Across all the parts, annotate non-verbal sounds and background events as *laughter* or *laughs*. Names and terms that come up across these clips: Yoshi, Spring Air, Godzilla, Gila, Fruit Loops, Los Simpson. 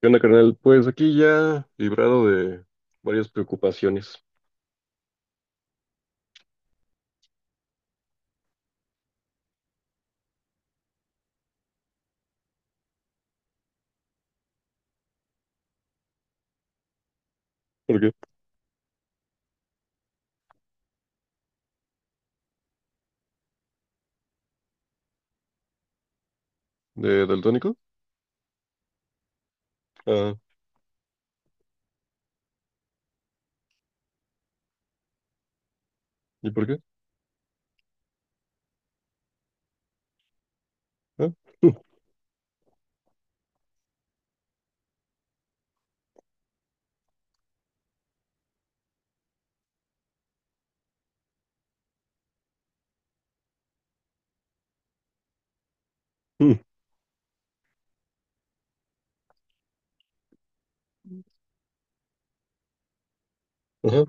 ¿Qué onda, carnal? Pues aquí ya librado de varias preocupaciones. ¿Por qué? ¿De daltónico? Ah, ¿y por qué? Ah, *laughs* mm, ajá.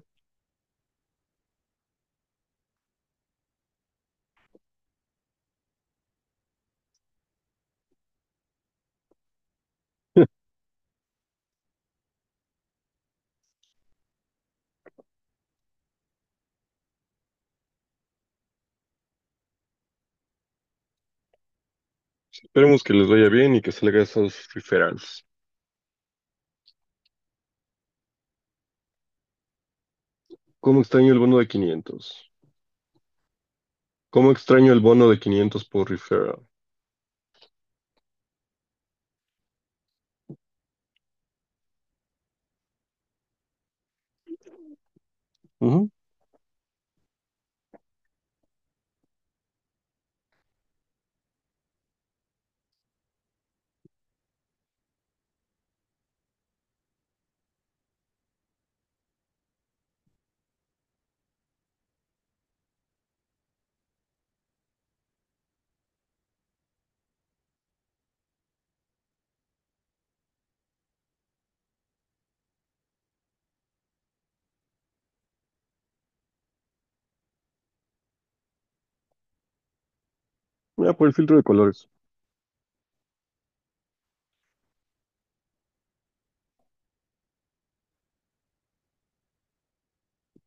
Esperemos que les vaya bien y que salga esos referrals. ¿Cómo extraño el bono de 500? ¿Cómo extraño el bono de 500 por referral? Ujú. Ya por el filtro de colores.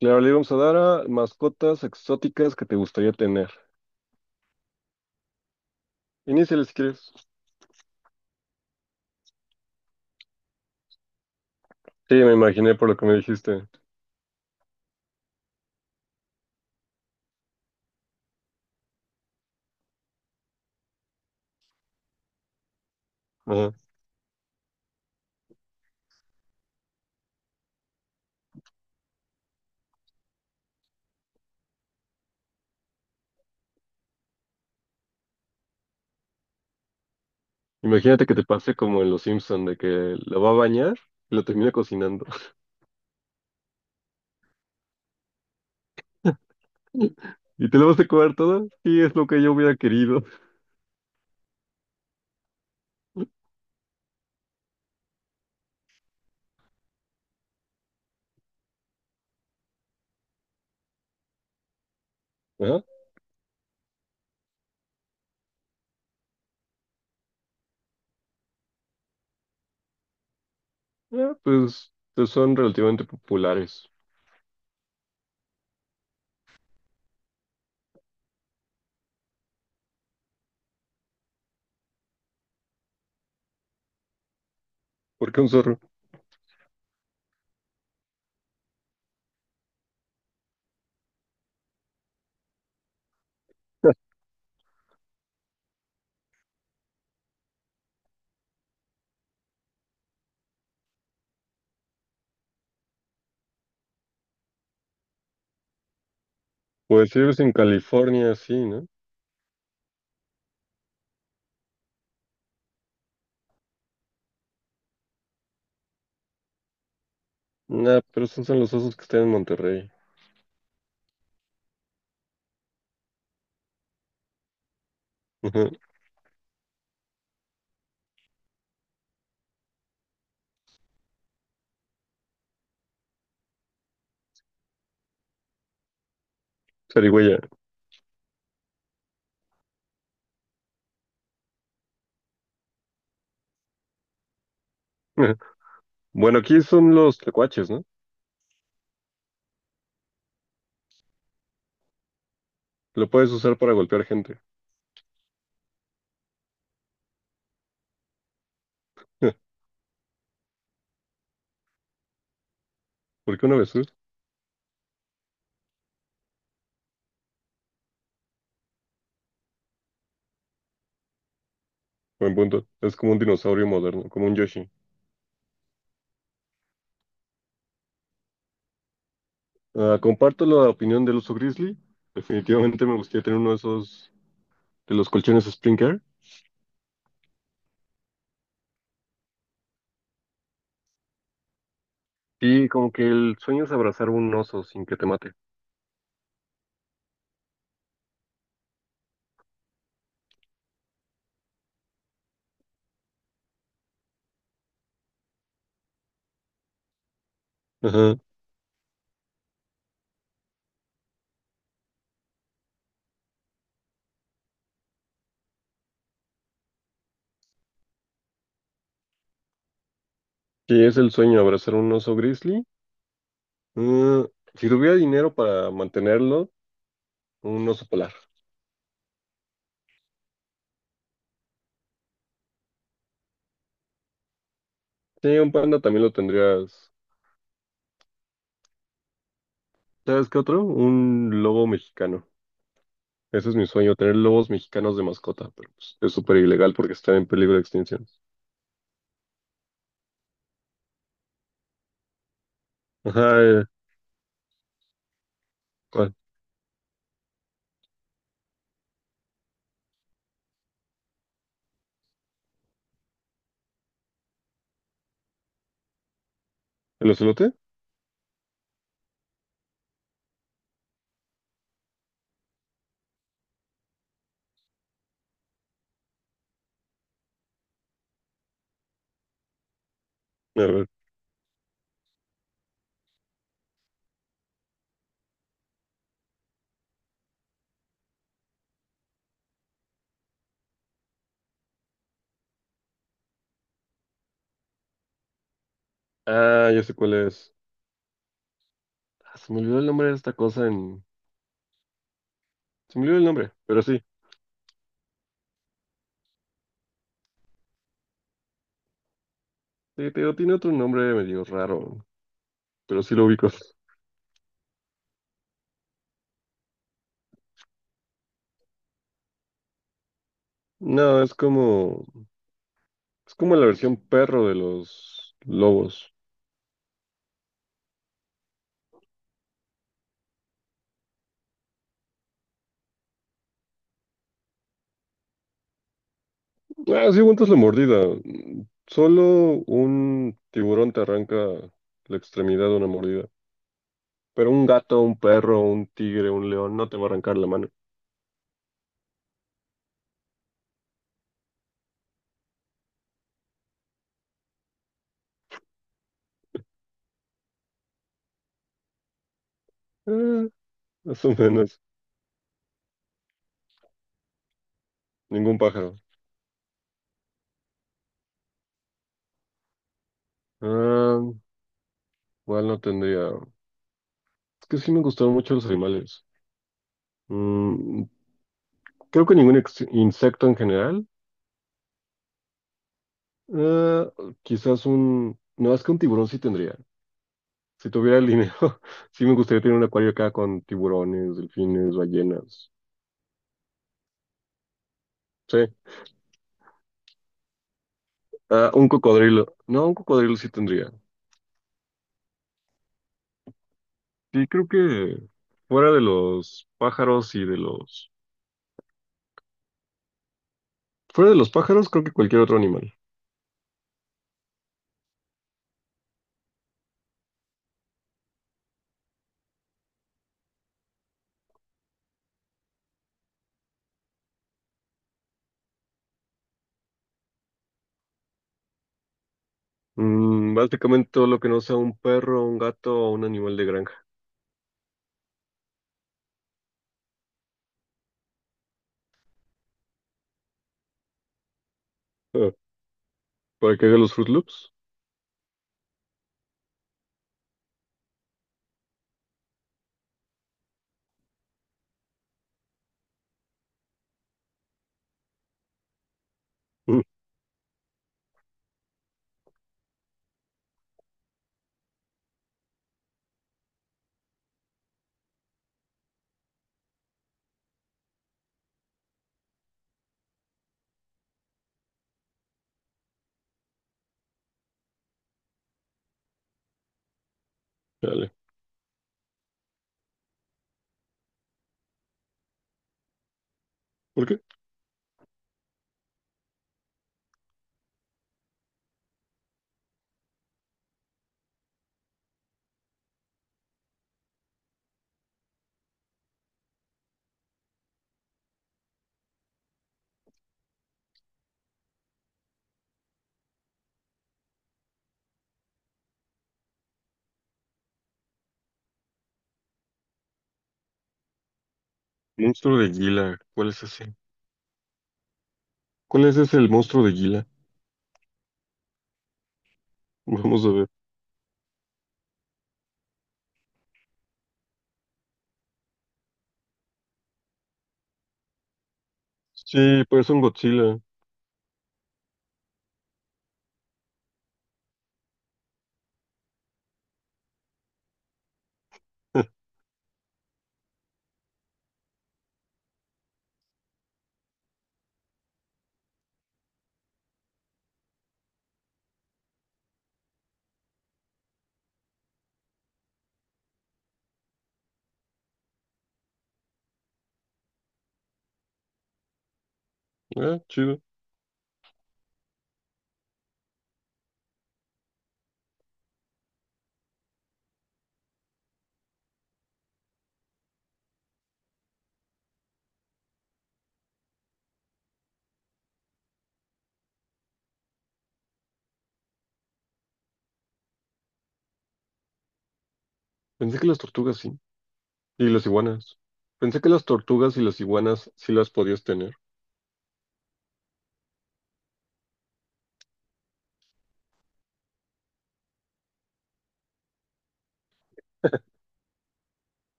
Claro, le vamos a dar a mascotas exóticas que te gustaría tener. Iniciales si quieres. Sí, me imaginé por lo que me dijiste. Ajá. Imagínate que te pase como en Los Simpson, de que lo va a bañar y lo termina cocinando. *laughs* ¿Y te lo vas a comer todo? Sí, es lo que yo hubiera querido. Ajá. Ah, pues, pues son relativamente populares. ¿Por qué un zorro? Pues si vives en California, sí, ¿no? Nah, pero esos son los osos que están en Monterrey. *laughs* Ajá, zarigüeya. Ajá. Bueno, aquí son los tlacuaches, ¿no? Lo puedes usar para golpear gente. *laughs* Ajá. ¿Por qué una avestruz? Buen punto. Es como un dinosaurio moderno, como un Yoshi. Ah, comparto la opinión del oso grizzly. Definitivamente me gustaría tener uno de esos, de los colchones Spring Air. Sí, como que el sueño es abrazar un oso sin que te mate. Ajá. Sí, es el sueño, abrazar un oso grizzly. Ah, si tuviera dinero para mantenerlo, un oso polar. Sí, un panda también lo tendrías. ¿Sabes qué otro? Un lobo mexicano. Ese es mi sueño, tener lobos mexicanos de mascota, pero pues, es súper ilegal porque está en peligro de extinción. Ajá, ¿cuál? ¿El ocelote? A ver. Ah, ya sé cuál es. Ah, se me olvidó el nombre de esta cosa en... Se me olvidó el nombre, pero sí. Sí, te digo, tiene otro nombre medio raro, pero sí lo ubico. *laughs* No, es como... Es como la versión perro de los lobos. Ah, sí, aguantas la mordida. Mm, solo un tiburón te arranca la extremidad de una mordida. Pero un gato, un perro, un tigre, un león no te va a arrancar la mano. Ah, más o menos. Ningún pájaro. Ah, igual no tendría. Es que sí me gustaron mucho los animales. Mm, Creo que ningún insecto en general. Eh, quizás un... No, es que un tiburón sí tendría. Si tuviera el dinero, *laughs* sí me gustaría tener un acuario acá con tiburones, delfines, ballenas. Sí. Ah, un cocodrilo. No, un cocodrilo sí tendría. Sí, creo que fuera de los pájaros y de los... Fuera de los pájaros, creo que cualquier otro animal. Mm, básicamente todo lo que no sea un perro, un gato o un animal de granja. Ah, ¿para que haga los Fruit Loops? Mm, dale. ¿Por qué? Monstruo de Gila, ¿cuál es ese? ¿Cuál es ese el monstruo de Gila? *laughs* Vamos a ver. Sí, parece un Godzilla. *laughs* Ah, chido. Pensé que las tortugas sí. Y las iguanas. Pensé que las tortugas y las iguanas sí las podías tener.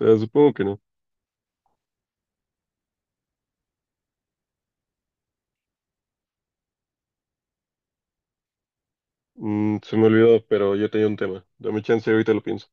Supongo que no. Mm, se me olvidó, pero ya tenía un tema. Dame chance, ahorita lo pienso.